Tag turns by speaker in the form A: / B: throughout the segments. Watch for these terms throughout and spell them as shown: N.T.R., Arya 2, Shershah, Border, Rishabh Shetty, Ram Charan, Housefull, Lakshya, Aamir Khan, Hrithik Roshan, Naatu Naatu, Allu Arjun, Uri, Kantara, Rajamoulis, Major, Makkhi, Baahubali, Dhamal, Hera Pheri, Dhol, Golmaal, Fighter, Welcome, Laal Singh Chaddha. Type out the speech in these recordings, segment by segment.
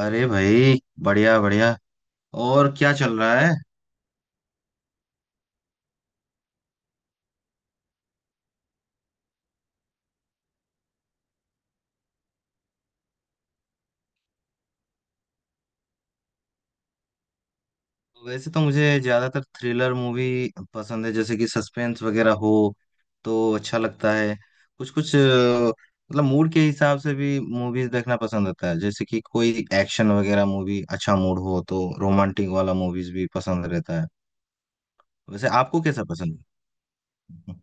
A: अरे भाई। बढ़िया बढ़िया। और क्या चल रहा है? वैसे तो मुझे ज्यादातर थ्रिलर मूवी पसंद है, जैसे कि सस्पेंस वगैरह हो तो अच्छा लगता है। कुछ कुछ मतलब मूड के हिसाब से भी मूवीज देखना पसंद होता है। जैसे कि कोई एक्शन वगैरह मूवी, अच्छा मूड हो तो रोमांटिक वाला मूवीज भी पसंद रहता है। वैसे आपको कैसा पसंद है?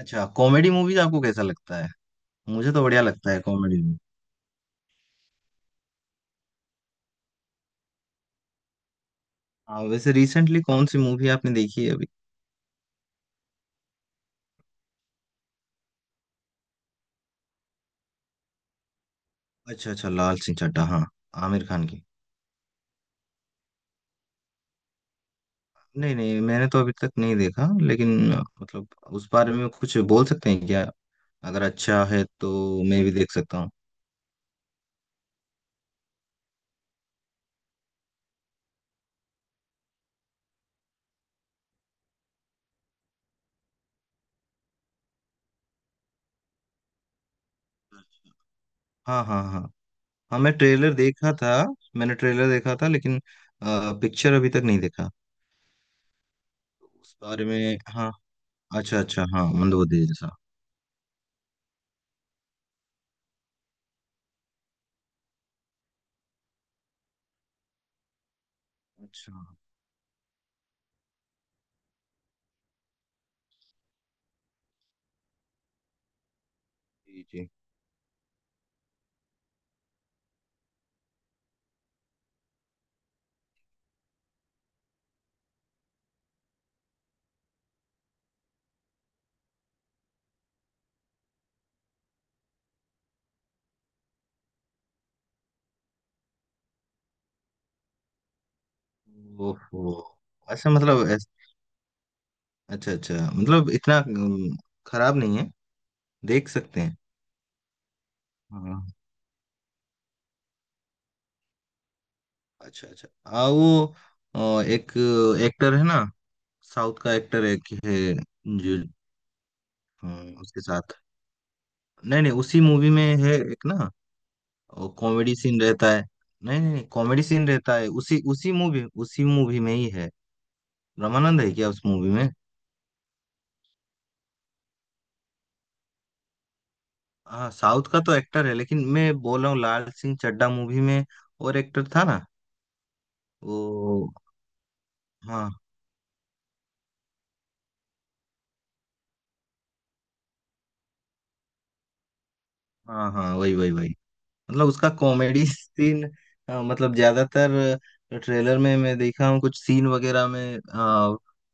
A: अच्छा, कॉमेडी मूवीज आपको कैसा लगता है? मुझे तो बढ़िया लगता है कॉमेडी मूवी। हाँ, वैसे रिसेंटली कौन सी मूवी आपने देखी है? अच्छा अच्छा, लाल सिंह चड्ढा, हाँ। आमिर खान की। नहीं नहीं, मैंने तो अभी तक नहीं देखा, लेकिन मतलब उस बारे में कुछ बोल सकते हैं क्या? अगर अच्छा है तो मैं भी देख सकता हूँ। हाँ हाँ हाँ। हाँ मैं ट्रेलर देखा था। मैंने ट्रेलर देखा था लेकिन पिक्चर अभी तक नहीं देखा। उस बारे में, हाँ। अच्छा अच्छा, हाँ, मंदोदी जैसा। अच्छा। जी जी। ओहो। अच्छा मतलब अच्छा अच्छा, मतलब इतना खराब नहीं है। देख सकते हैं। हाँ। अच्छा अच्छा। आ वो एक एक्टर है ना, साउथ का, एक्टर एक है जो उसके साथ। नहीं नहीं, उसी मूवी में है एक ना। कॉमेडी सीन रहता है। नहीं नहीं, कॉमेडी सीन रहता है उसी उसी मूवी में ही है। रामानंद है क्या उस मूवी में? हाँ साउथ का तो एक्टर है, लेकिन मैं बोल रहा हूँ लाल सिंह चड्ढा मूवी में और एक्टर था ना। वो। हाँ हाँ हाँ, वही वही वही। मतलब उसका कॉमेडी सीन, मतलब ज्यादातर ट्रेलर में मैं देखा हूँ कुछ सीन वगैरह में,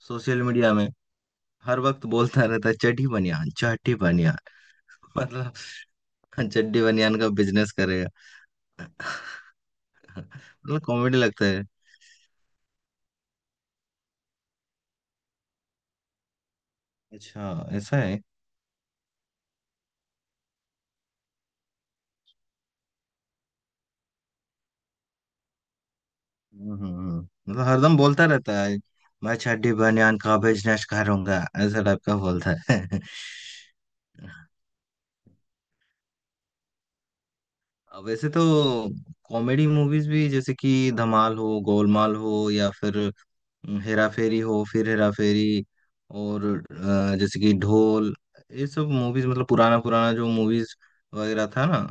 A: सोशल मीडिया में। हर वक्त बोलता रहता है, चड्डी बनियान, चड्डी बनियान। मतलब चड्डी बनियान का बिजनेस करेगा। मतलब कॉमेडी लगता है। अच्छा, ऐसा है। हम्म हम्म, हम्म। मतलब हरदम बोलता रहता है, मैं चड्डी बनियान का बिजनेस करूंगा, ऐसा टाइप का बोलता है। वैसे तो कॉमेडी मूवीज भी, जैसे कि धमाल हो, गोलमाल हो, या फिर हेरा फेरी हो, फिर हेरा फेरी, और जैसे कि ढोल, ये सब मूवीज, मतलब पुराना पुराना जो मूवीज वगैरह था ना,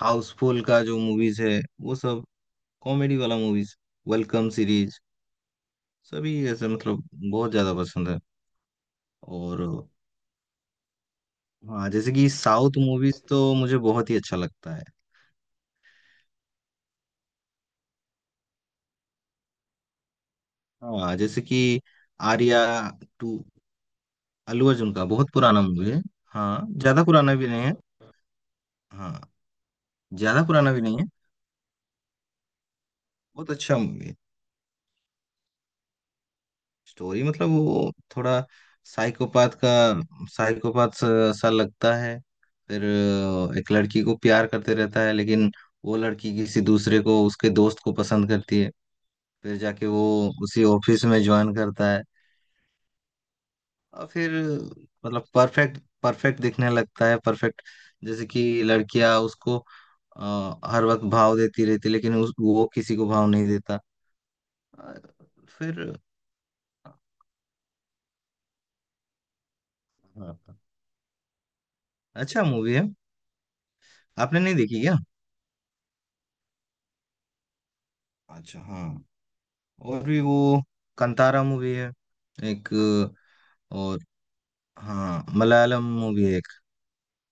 A: हाउसफुल का जो मूवीज है वो सब, कॉमेडी वाला मूवीज, वेलकम सीरीज, सभी ऐसे मतलब बहुत ज्यादा पसंद है। और हाँ, जैसे कि साउथ मूवीज तो मुझे बहुत ही अच्छा लगता है। हाँ जैसे कि आर्या टू। अल्लू अर्जुन का बहुत पुराना मूवी है। हाँ, ज्यादा पुराना भी नहीं है। हाँ। ज्यादा पुराना भी नहीं है। बहुत अच्छा। स्टोरी मतलब वो थोड़ा साइकोपाथ का, साइकोपाथ सा सा लगता है। फिर एक लड़की को प्यार करते रहता है, लेकिन वो लड़की किसी दूसरे को, उसके दोस्त को पसंद करती है। फिर जाके वो उसी ऑफिस में ज्वाइन करता है, और फिर मतलब परफेक्ट परफेक्ट दिखने लगता है, परफेक्ट। जैसे कि लड़कियां उसको हर वक्त भाव देती रहती, लेकिन वो किसी को भाव नहीं देता। अ, फिर हाँ, हाँ। अच्छा मूवी है। आपने नहीं देखी क्या? अच्छा हाँ, और भी वो कंतारा मूवी है एक और। हाँ, मलयालम मूवी है एक।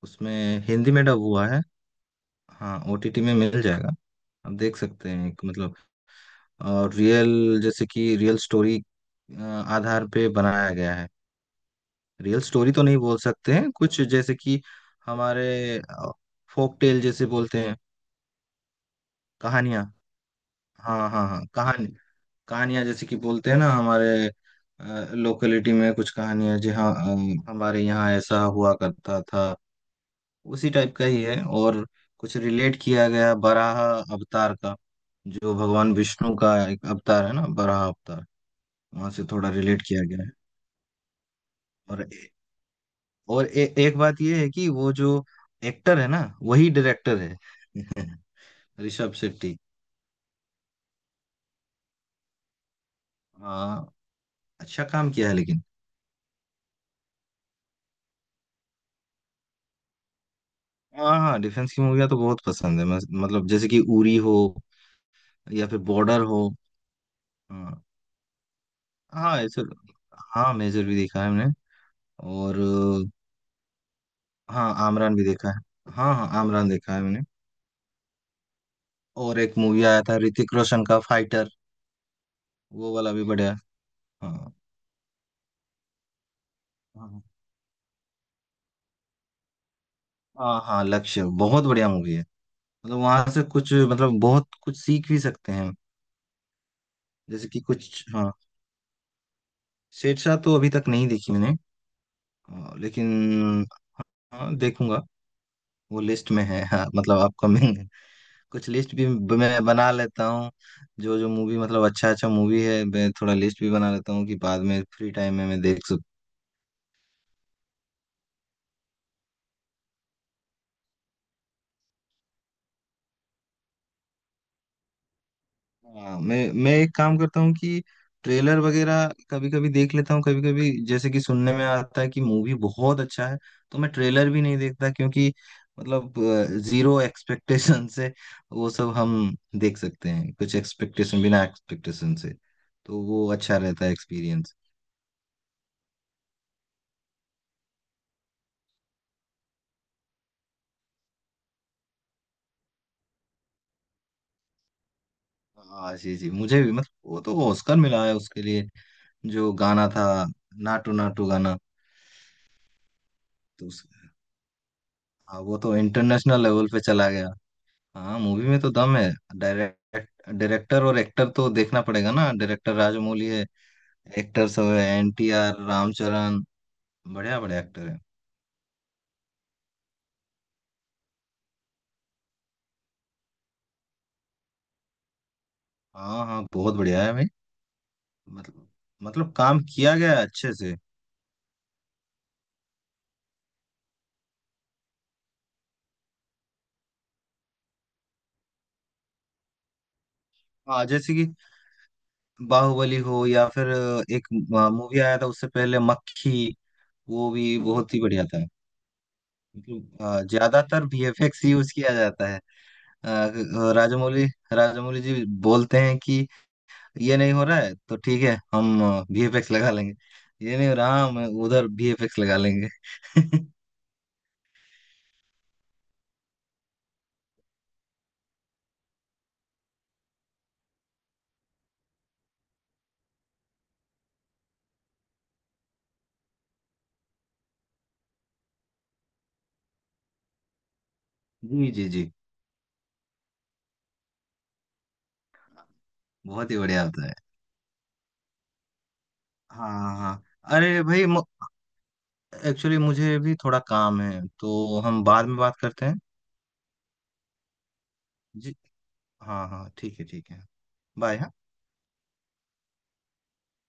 A: उसमें हिंदी में डब हुआ है। हाँ, ओटीटी में मिल जाएगा। आप देख सकते हैं एक, मतलब और रियल, जैसे कि रियल स्टोरी आधार पे बनाया गया है। रियल स्टोरी तो नहीं बोल सकते हैं कुछ, जैसे कि हमारे फोक टेल जैसे बोलते हैं, कहानियाँ। हाँ हाँ हाँ, कहानी, कहानियां जैसे कि बोलते हैं ना, हमारे लोकेलिटी में कुछ कहानियां। जी हाँ, हमारे यहाँ ऐसा हुआ करता था। उसी टाइप का ही है। और कुछ रिलेट किया गया बराह अवतार का, जो भगवान विष्णु का एक अवतार है ना, बराह अवतार। वहां से थोड़ा रिलेट किया गया है। और और एक बात ये है कि वो जो एक्टर है ना, वही डायरेक्टर है। ऋषभ शेट्टी। हाँ। अच्छा काम किया है, लेकिन। हाँ हाँ, डिफेंस की मूवियाँ तो बहुत पसंद है। मतलब जैसे कि उरी हो, या फिर बॉर्डर हो। हाँ, हाँ ऐसे, हाँ, मेजर भी देखा है हमने। और हाँ आमरान भी देखा है, हाँ हाँ आमरान देखा है मैंने। और एक मूवी आया था ऋतिक रोशन का, फाइटर। वो वाला भी बढ़िया है। हाँ। हाँ हाँ हाँ, लक्ष्य बहुत बढ़िया मूवी है। मतलब वहां से कुछ, मतलब बहुत कुछ सीख भी सकते हैं। जैसे कि कुछ, हाँ। शेरशाह तो अभी तक नहीं देखी मैंने। लेकिन हाँ, देखूंगा। वो लिस्ट में है, हाँ मतलब आपका, कुछ लिस्ट भी मैं बना लेता हूँ। जो जो मूवी, मतलब अच्छा अच्छा मूवी है, मैं थोड़ा लिस्ट भी बना लेता हूँ कि बाद में फ्री टाइम में मैं देख सकूँ। हाँ, मैं एक काम करता हूँ कि ट्रेलर वगैरह कभी कभी देख लेता हूँ, कभी कभी जैसे कि सुनने में आता है कि मूवी बहुत अच्छा है, तो मैं ट्रेलर भी नहीं देखता, क्योंकि मतलब जीरो एक्सपेक्टेशन से वो सब हम देख सकते हैं, कुछ एक्सपेक्टेशन, बिना एक्सपेक्टेशन से तो वो अच्छा रहता है, एक्सपीरियंस। हाँ जी जी, मुझे भी मतलब वो तो ऑस्कर मिला है उसके लिए, जो गाना था, नाटू नाटू गाना। तो हाँ, वो तो इंटरनेशनल लेवल पे चला गया। हाँ, मूवी में तो दम है। डायरेक्टर और एक्टर तो देखना पड़ेगा ना, डायरेक्टर राजमौली है। एक्टर सब है, एन टी आर, रामचरण, बढ़िया बढ़िया एक्टर है। हाँ हाँ, बहुत बढ़िया है भाई। मतलब मतलब काम किया गया है अच्छे से। हाँ जैसे कि बाहुबली हो, या फिर एक मूवी आया था उससे पहले, मक्खी। वो भी बहुत ही बढ़िया था। मतलब ज्यादातर वीएफएक्स यूज किया जाता है। अ, राजामौली, राजामौली जी बोलते हैं कि ये नहीं हो रहा है तो ठीक है, हम वीएफएक्स लगा लेंगे, ये नहीं हो रहा, हम उधर वीएफएक्स लगा लेंगे। जी जी जी, बहुत ही बढ़िया होता है। हाँ हाँ हाँ। अरे भाई, एक्चुअली मुझे भी थोड़ा काम है, तो हम बाद में बात करते हैं। जी, हाँ हाँ ठीक है, ठीक है। बाय, हाँ।